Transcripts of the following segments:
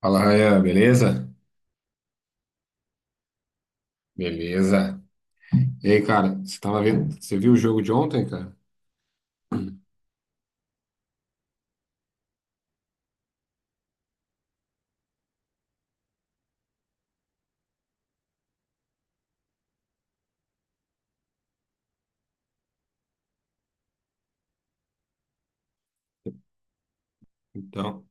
Fala, Rayan, beleza? Beleza. E aí, cara, você viu o jogo de ontem, cara? Então,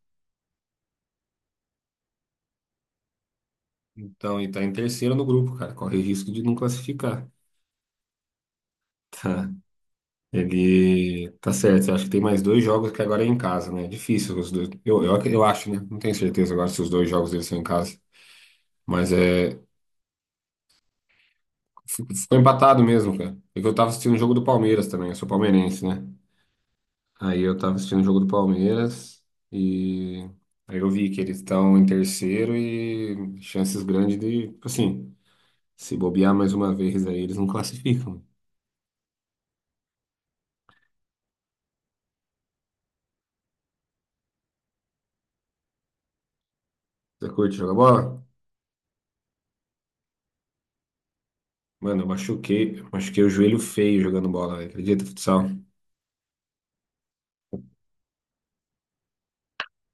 então, e tá em terceiro no grupo, cara. Corre risco de não classificar. Ele tá certo. Eu acho que tem mais dois jogos que agora é em casa, né? É difícil os dois. Eu acho, né? Não tenho certeza agora se os dois jogos deles são em casa. Mas é. Ficou empatado mesmo, cara. É que eu tava assistindo o jogo do Palmeiras também. Eu sou palmeirense, né? Aí eu tava assistindo o jogo do Palmeiras e. Aí eu vi que eles estão em terceiro e chances grandes de, tipo assim, se bobear mais uma vez aí, eles não classificam. Você curte jogar bola? Mano, eu machuquei o joelho feio jogando bola, velho. Acredita, futsal?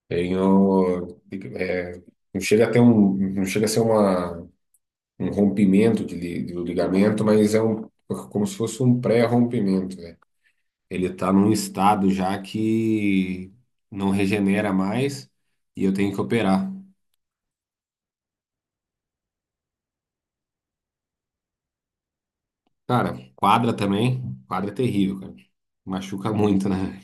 Tenho, é, não chega a ter um, não chega a ser uma, um rompimento de, do ligamento, mas é um, como se fosse um pré-rompimento, né? Ele está num estado já que não regenera mais e eu tenho que operar. Cara, quadra também, quadra é terrível, cara. Machuca muito, né?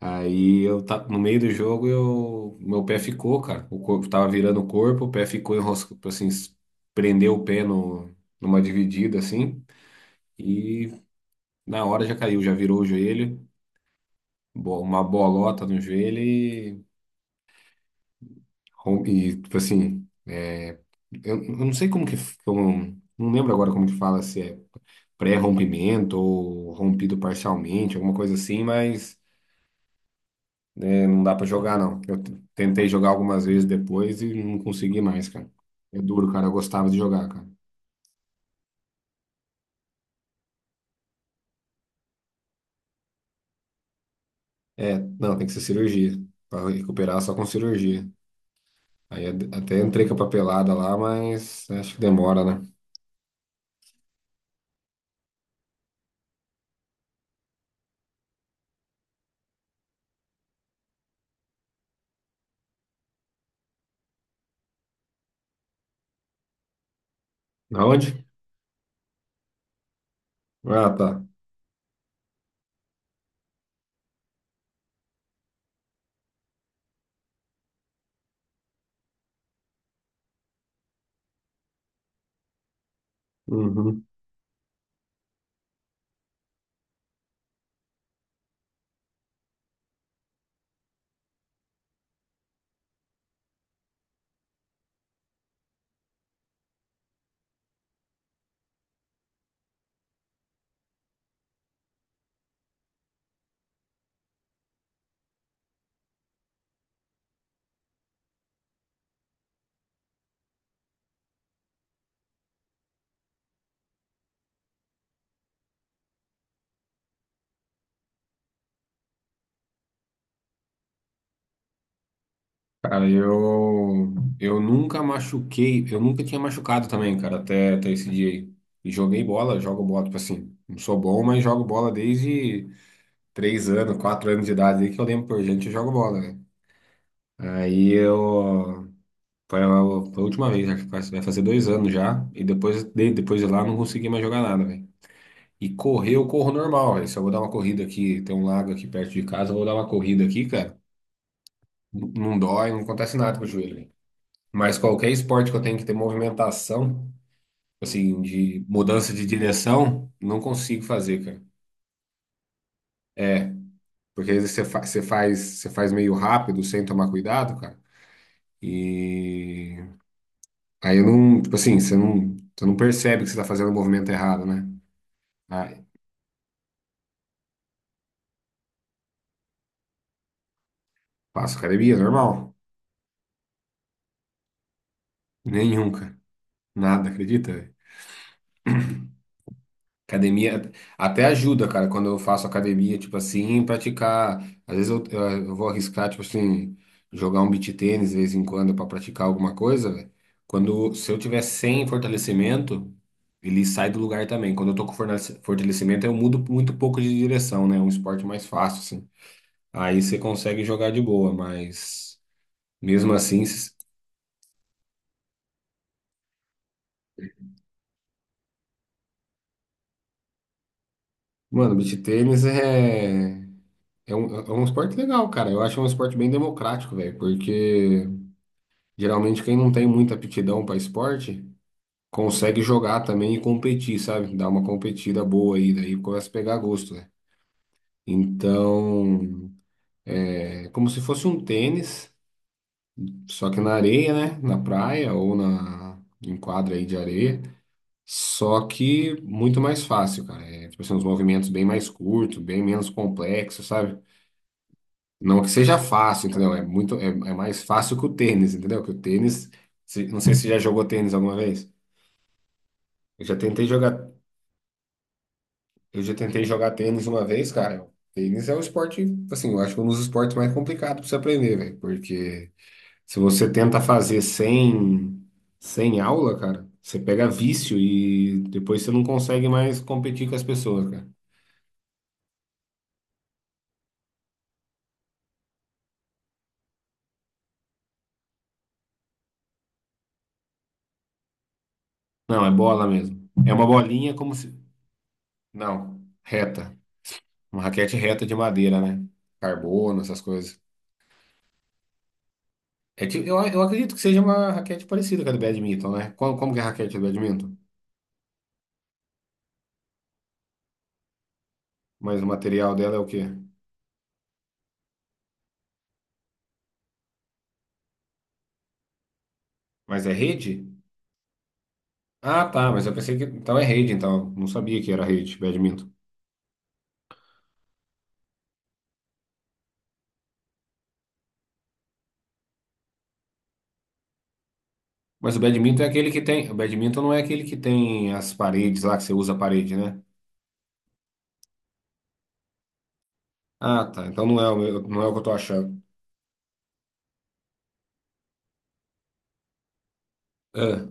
Aí eu tá, no meio do jogo eu meu pé ficou, cara. O corpo tava virando o corpo, o pé ficou enroscado, assim, prendeu o pé no, numa dividida assim. E na hora já caiu, já virou o joelho, uma bolota no joelho e, e tipo assim, eu não sei como que, como, não lembro agora como que fala, se é pré-rompimento ou rompido parcialmente, alguma coisa assim, mas é, não dá pra jogar não. Eu tentei jogar algumas vezes depois e não consegui mais, cara. É duro, cara, eu gostava de jogar, cara. É, não, tem que ser cirurgia. Pra recuperar só com cirurgia. Aí até entrei com a papelada lá, mas acho que demora, né? Aonde? Ah, tá. Uhum. Cara, eu nunca machuquei, eu nunca tinha machucado também, cara, até esse dia aí. E joguei bola, jogo bola, tipo assim, não sou bom, mas jogo bola desde 3 anos, 4 anos de idade aí que eu lembro por gente, eu jogo bola, né? Aí foi a, foi a última vez, acho que vai fazer 2 anos já, e depois de lá eu não consegui mais jogar nada, velho. E correr, eu corro normal, velho. Se eu vou dar uma corrida aqui, tem um lago aqui perto de casa, eu vou dar uma corrida aqui, cara, não dói, não acontece nada com o joelho. Mas qualquer esporte que eu tenho que ter movimentação, assim, de mudança de direção, não consigo fazer, cara. Porque às vezes você faz meio rápido, sem tomar cuidado, cara. E aí eu não, tipo assim, você não percebe que você tá fazendo o movimento errado, né? Ah, faço academia, normal. Nenhum, cara. Nada, acredita? Academia até ajuda, cara, quando eu faço academia, tipo assim, praticar. Às vezes eu vou arriscar, tipo assim, jogar um beach tênis de vez em quando pra praticar alguma coisa, velho. Se eu tiver sem fortalecimento, ele sai do lugar também. Quando eu tô com fortalecimento, eu mudo muito pouco de direção, né? É um esporte mais fácil, assim. Aí você consegue jogar de boa, mas mesmo assim, mano, beach tênis é. É um esporte legal, cara. Eu acho um esporte bem democrático, velho, porque. Geralmente quem não tem muita aptidão para esporte consegue jogar também e competir, sabe? Dar uma competida boa aí, daí começa a pegar gosto, né? Então, é como se fosse um tênis, só que na areia, né? Na praia ou na em quadra aí de areia, só que muito mais fácil, cara. É, tipo assim, uns movimentos bem mais curtos, bem menos complexos, sabe? Não que seja fácil, entendeu? É mais fácil que o tênis, entendeu? Que o tênis, não sei se você já jogou tênis alguma vez. Eu já tentei jogar Eu já tentei jogar tênis uma vez, cara. Tênis é um esporte, assim, eu acho que é um dos esportes mais complicados pra você aprender, velho. Porque se você tenta fazer sem aula, cara, você pega vício e depois você não consegue mais competir com as pessoas, cara. Não, é bola mesmo. É uma bolinha como se. Não, reta. Uma raquete reta de madeira, né? Carbono, essas coisas. É tipo, eu acredito que seja uma raquete parecida com a do badminton, né? Como que é a raquete do badminton? Mas o material dela é o quê? Mas é rede? Ah, tá, mas eu pensei que. Então é rede, então. Não sabia que era rede, badminton. Mas o badminton é aquele que tem. O badminton não é aquele que tem as paredes lá, que você usa a parede, né? Ah, tá. Então não é o, não é o que eu tô achando. É,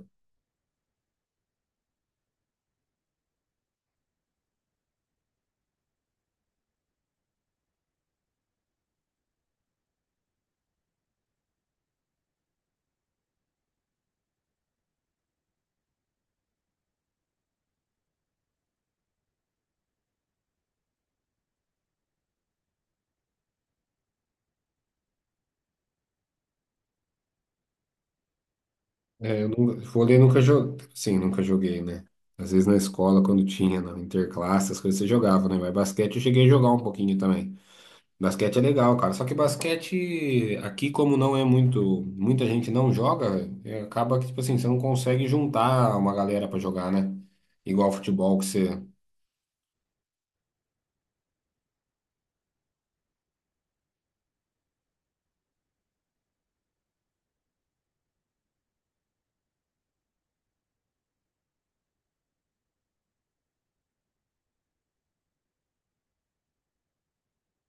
eu nunca, vôlei nunca joguei. Sim, nunca joguei, né? Às vezes na escola, quando tinha, na interclasse, as coisas você jogava, né? Mas basquete eu cheguei a jogar um pouquinho também. Basquete é legal, cara. Só que basquete aqui, como não é muito, muita gente não joga, é, acaba que, tipo assim, você não consegue juntar uma galera pra jogar, né? Igual futebol que você.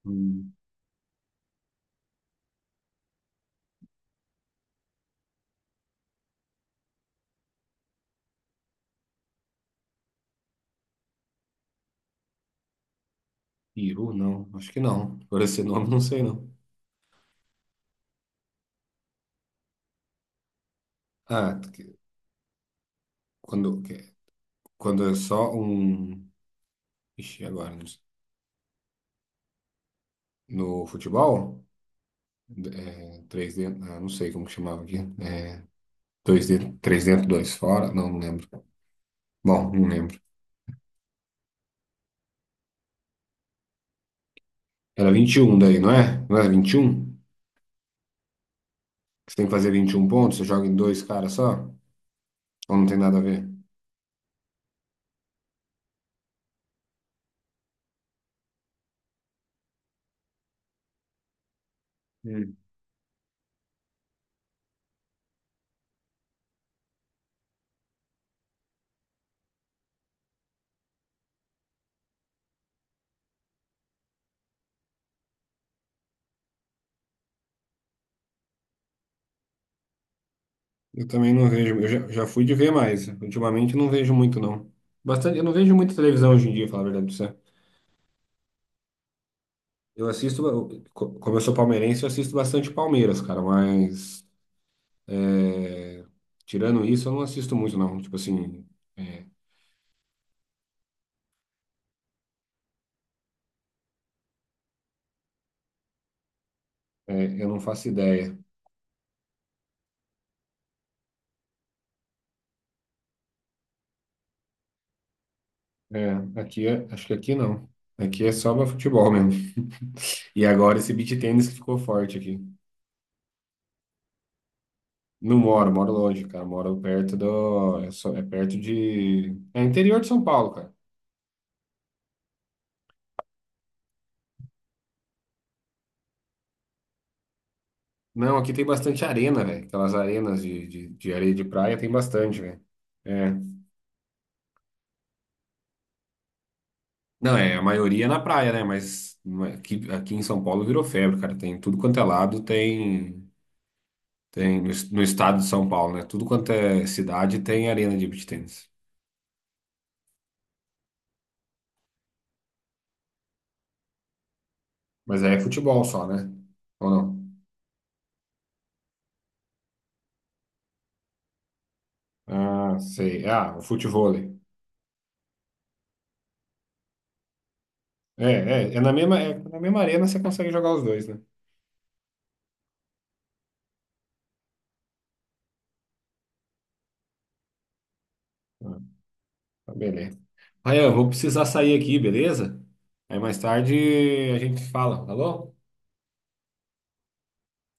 Hum. Peru, não, acho que não. Por esse nome, não sei não. Ah, quando, que- quando é só um. Ixi, agora, não sei. No futebol, é, 3D, ah, não sei como que chamava aqui. É, 2D, 3 dentro, 2 fora, não, não lembro. Bom, não lembro. Era 21 daí, não é? Não era 21. Você tem que fazer 21 pontos, você joga em dois caras só? Ou não tem nada a ver? Hum. Eu também não vejo, eu já fui de ver mais. Ultimamente não vejo muito, não. Bastante, eu não vejo muita televisão hoje em dia, falar a verdade pra você. Eu assisto, eu- co- como eu sou palmeirense, eu assisto bastante Palmeiras, cara, mas é, tirando isso, eu não assisto muito, não. Tipo assim, é, eu não faço ideia. É, aqui, acho que aqui não. Aqui é só pra futebol mesmo. E agora esse beach tennis que ficou forte aqui. Não moro, moro longe, cara. Moro perto do. É, é perto de. É interior de São Paulo, cara. Não, aqui tem bastante arena, velho. Aquelas arenas de areia de praia tem bastante, velho. É. Não, é, a maioria é na praia, né? Mas aqui em São Paulo virou febre, cara. Tem tudo quanto é lado, tem. Tem no estado de São Paulo, né? Tudo quanto é cidade tem arena de beach tennis. Mas aí é futebol só, né? Ou não? Ah, sei. Ah, o futevôlei. É, é na mesma arena você consegue jogar os dois, né? Tá, beleza. Ryan, eu vou precisar sair aqui, beleza? Aí mais tarde a gente fala, falou?